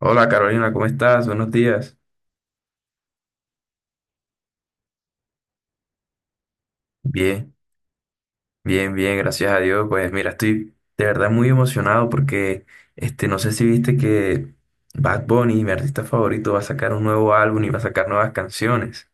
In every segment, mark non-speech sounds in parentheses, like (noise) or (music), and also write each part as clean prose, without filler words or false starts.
Hola Carolina, ¿cómo estás? Buenos días. Bien, bien, bien, gracias a Dios. Pues mira, estoy de verdad muy emocionado porque no sé si viste que Bad Bunny, mi artista favorito, va a sacar un nuevo álbum y va a sacar nuevas canciones.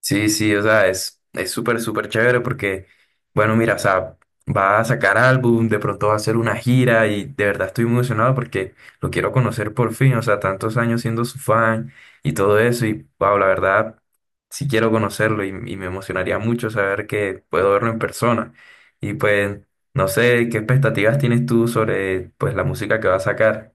Sí, sí, o sea, es súper, súper chévere porque, bueno, mira, o sea, va a sacar álbum, de pronto va a hacer una gira y de verdad estoy muy emocionado porque lo quiero conocer por fin, o sea, tantos años siendo su fan y todo eso y, wow, la verdad, sí quiero conocerlo y me emocionaría mucho saber que puedo verlo en persona. Y pues, no sé, ¿qué expectativas tienes tú sobre, pues, la música que va a sacar?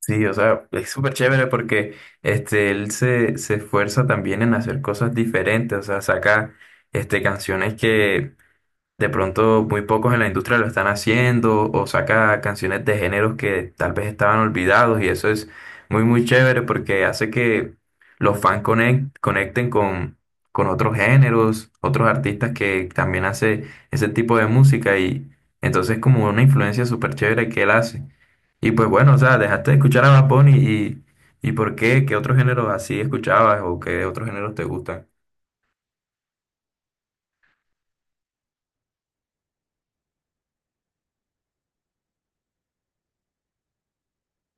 Sí, o sea, es súper chévere porque él se esfuerza también en hacer cosas diferentes, o sea, saca canciones que de pronto muy pocos en la industria lo están haciendo o saca canciones de géneros que tal vez estaban olvidados y eso es muy muy chévere porque hace que los fans conecten con otros géneros, otros artistas que también hace ese tipo de música y entonces como una influencia súper chévere que él hace. Y pues bueno, o sea, dejaste de escuchar a Bad Bunny y ¿por qué? ¿Qué otros géneros así escuchabas o qué otros géneros te gustan?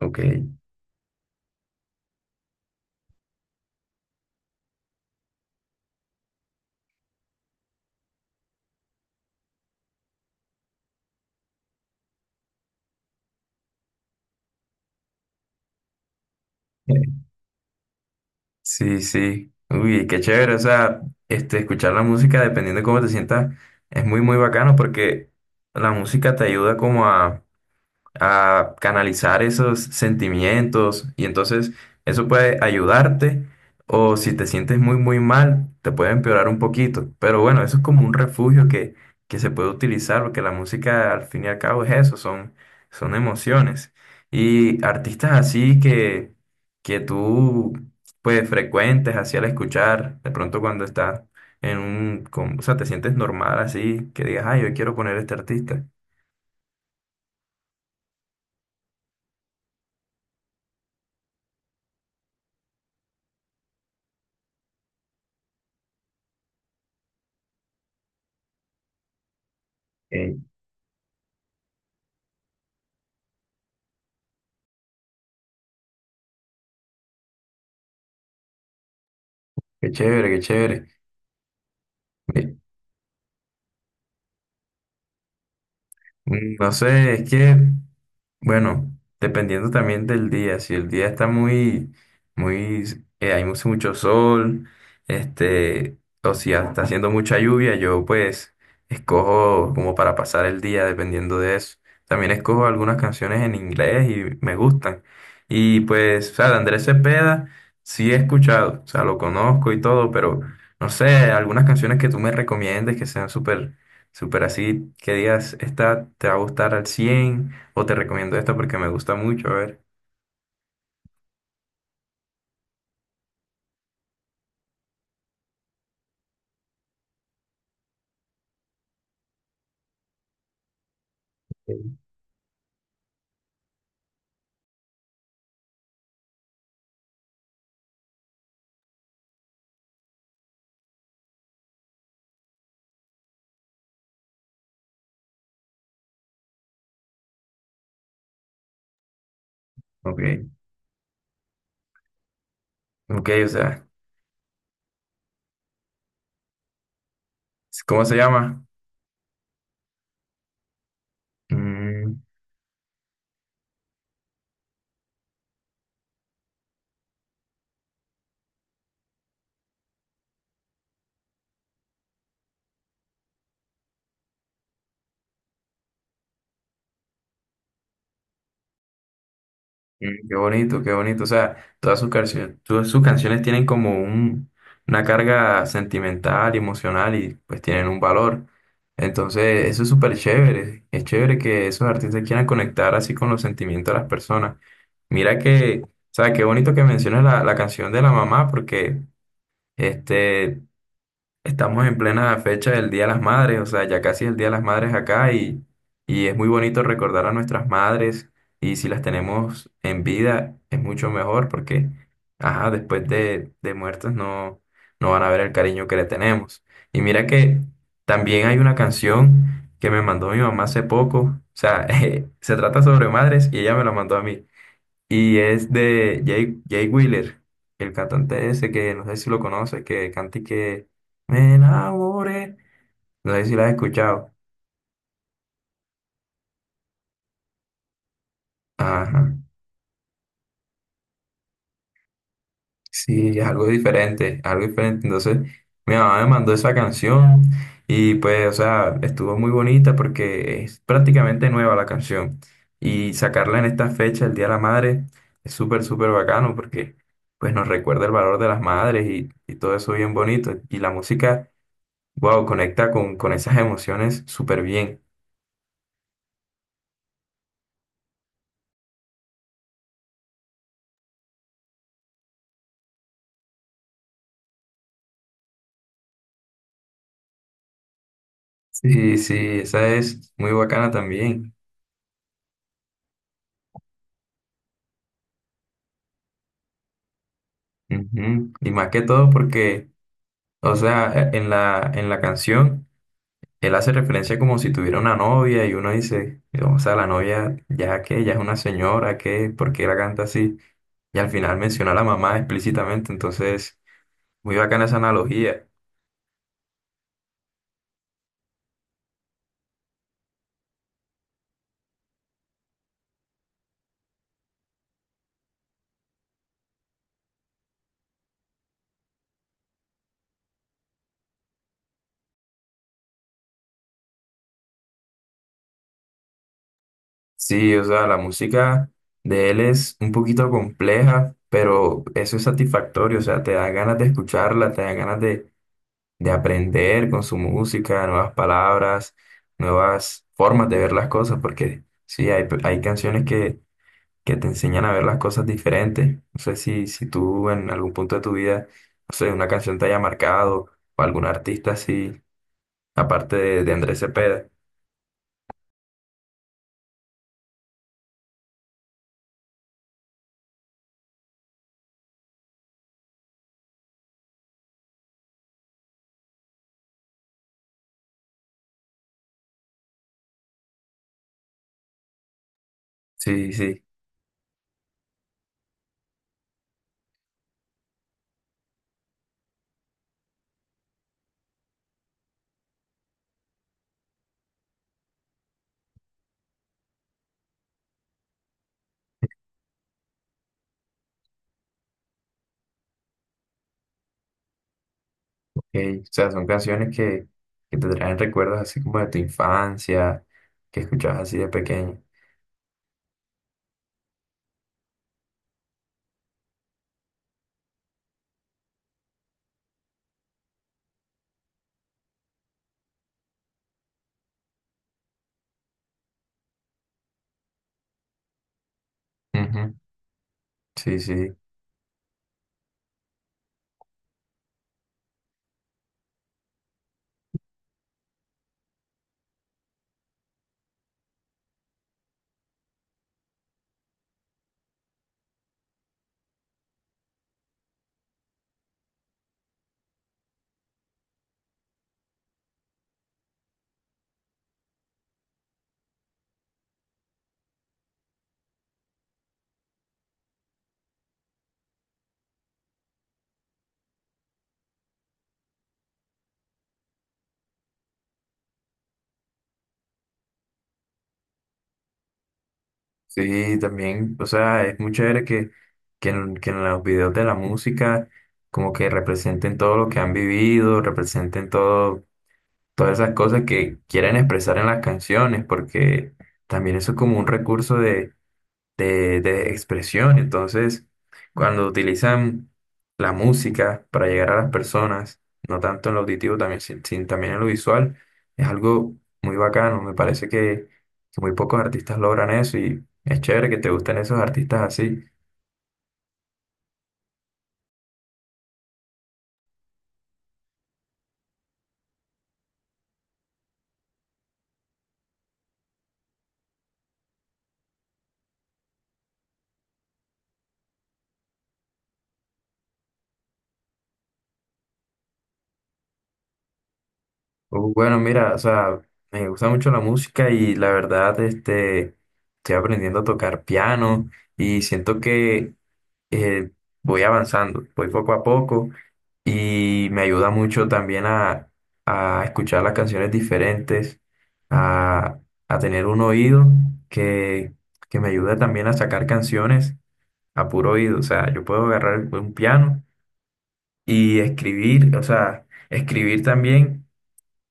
Ok. (laughs) Sí, sí. Uy, qué chévere. O sea, escuchar la música, dependiendo de cómo te sientas, es muy, muy bacano porque la música te ayuda como a canalizar esos sentimientos y entonces eso puede ayudarte o si te sientes muy muy mal te puede empeorar un poquito, pero bueno, eso es como un refugio que se puede utilizar porque la música al fin y al cabo es eso, son, son emociones y artistas así que tú pues frecuentes así al escuchar de pronto cuando estás o sea, te sientes normal así, que digas, ay, yo quiero poner este artista. Eh, Qué chévere, qué chévere. No sé, es que, bueno, dependiendo también del día, si el día está muy, muy, hay mucho, mucho sol, o si ya está haciendo mucha lluvia, yo pues escojo como para pasar el día dependiendo de eso. También escojo algunas canciones en inglés y me gustan. Y pues, o sea, de Andrés Cepeda sí he escuchado, o sea, lo conozco y todo, pero no sé, algunas canciones que tú me recomiendes que sean súper súper así, ¿qué días está te va a gustar al cien? O te recomiendo esta porque me gusta mucho, a ver. Ok, ok, o sea, ¿cómo se llama? Mm, mm, qué bonito, qué bonito. O sea, todas sus canciones tienen como un, una carga sentimental, emocional y pues tienen un valor. Entonces, eso es súper chévere. Es chévere que esos artistas quieran conectar así con los sentimientos de las personas. Mira que, o sea, qué bonito que mencionas la canción de la mamá, porque Este, estamos en plena fecha del Día de las Madres, o sea, ya casi el Día de las Madres acá y es muy bonito recordar a nuestras madres y si las tenemos en vida es mucho mejor porque, ajá, después de muertas no, no van a ver el cariño que le tenemos. Y mira que también hay una canción que me mandó mi mamá hace poco, o sea, (laughs) se trata sobre madres y ella me la mandó a mí. Y es de Jay Wheeler, el cantante ese que no sé si lo conoces, que canta y que me enamoré. No sé si lo has escuchado. Ajá. Sí, es algo diferente, algo diferente. Entonces, mi mamá me mandó esa canción y pues, o sea, estuvo muy bonita porque es prácticamente nueva la canción. Y sacarla en esta fecha, el Día de la Madre, es súper, súper bacano porque pues nos recuerda el valor de las madres y todo eso bien bonito. Y la música, wow, conecta con esas emociones súper bien. Sí, sí, esa es muy bacana también. Ujú. Y más que todo porque, o sea, en en la canción, él hace referencia como si tuviera una novia y uno dice, o sea, la novia ya que, ya es una señora, que, ¿por qué la canta así? Y al final menciona a la mamá explícitamente, entonces, muy bacana esa analogía. Sí, o sea, la música de él es un poquito compleja, pero eso es satisfactorio, o sea, te da ganas de escucharla, te da ganas de aprender con su música, nuevas palabras, nuevas formas de ver las cosas, porque sí, hay canciones que te enseñan a ver las cosas diferentes. No sé si tú en algún punto de tu vida, no sé, una canción te haya marcado o algún artista así, aparte de Andrés Cepeda. Sí, sí. Que, o sea, son canciones que te traen recuerdos así como de tu infancia, que escuchabas así de pequeño. Ujú, sí, sí. Sí, también, o sea, es muy chévere que en los videos de la música como que representen todo lo que han vivido, representen todo, todas esas cosas que quieren expresar en las canciones, porque también eso es como un recurso de expresión. Entonces, cuando utilizan la música para llegar a las personas, no tanto en lo auditivo, también, también en lo visual, es algo muy bacano. Me parece que muy pocos artistas logran eso y es chévere que te gusten esos artistas así. Bueno, mira, o sea, me gusta mucho la música y la verdad, estoy aprendiendo a tocar piano y siento que eh, voy avanzando, voy poco a poco y me ayuda mucho también a escuchar las canciones diferentes, a, a tener un oído que, que me ayuda también a sacar canciones a puro oído. O sea, yo puedo agarrar un piano y escribir, o sea, escribir también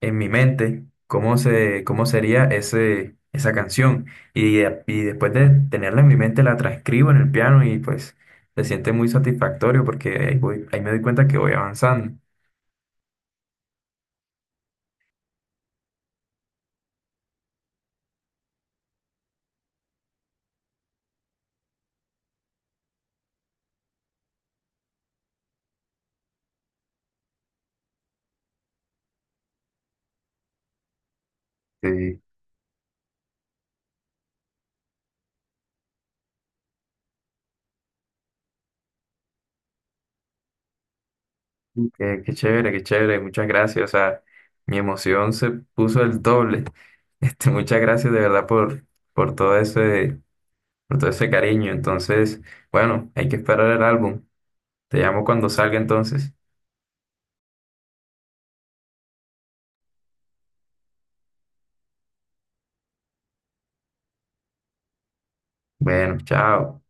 en mi mente cómo sería esa canción. Y, y después de tenerla en mi mente, la transcribo en el piano y pues se siente muy satisfactorio porque ahí voy, ahí me doy cuenta que voy avanzando. Sí. Qué, qué chévere, muchas gracias. O sea, mi emoción se puso el doble. (laughs) Muchas gracias de verdad por todo ese, por todo ese cariño. Entonces, bueno, hay que esperar el álbum. Te llamo cuando salga entonces. Bueno, chao.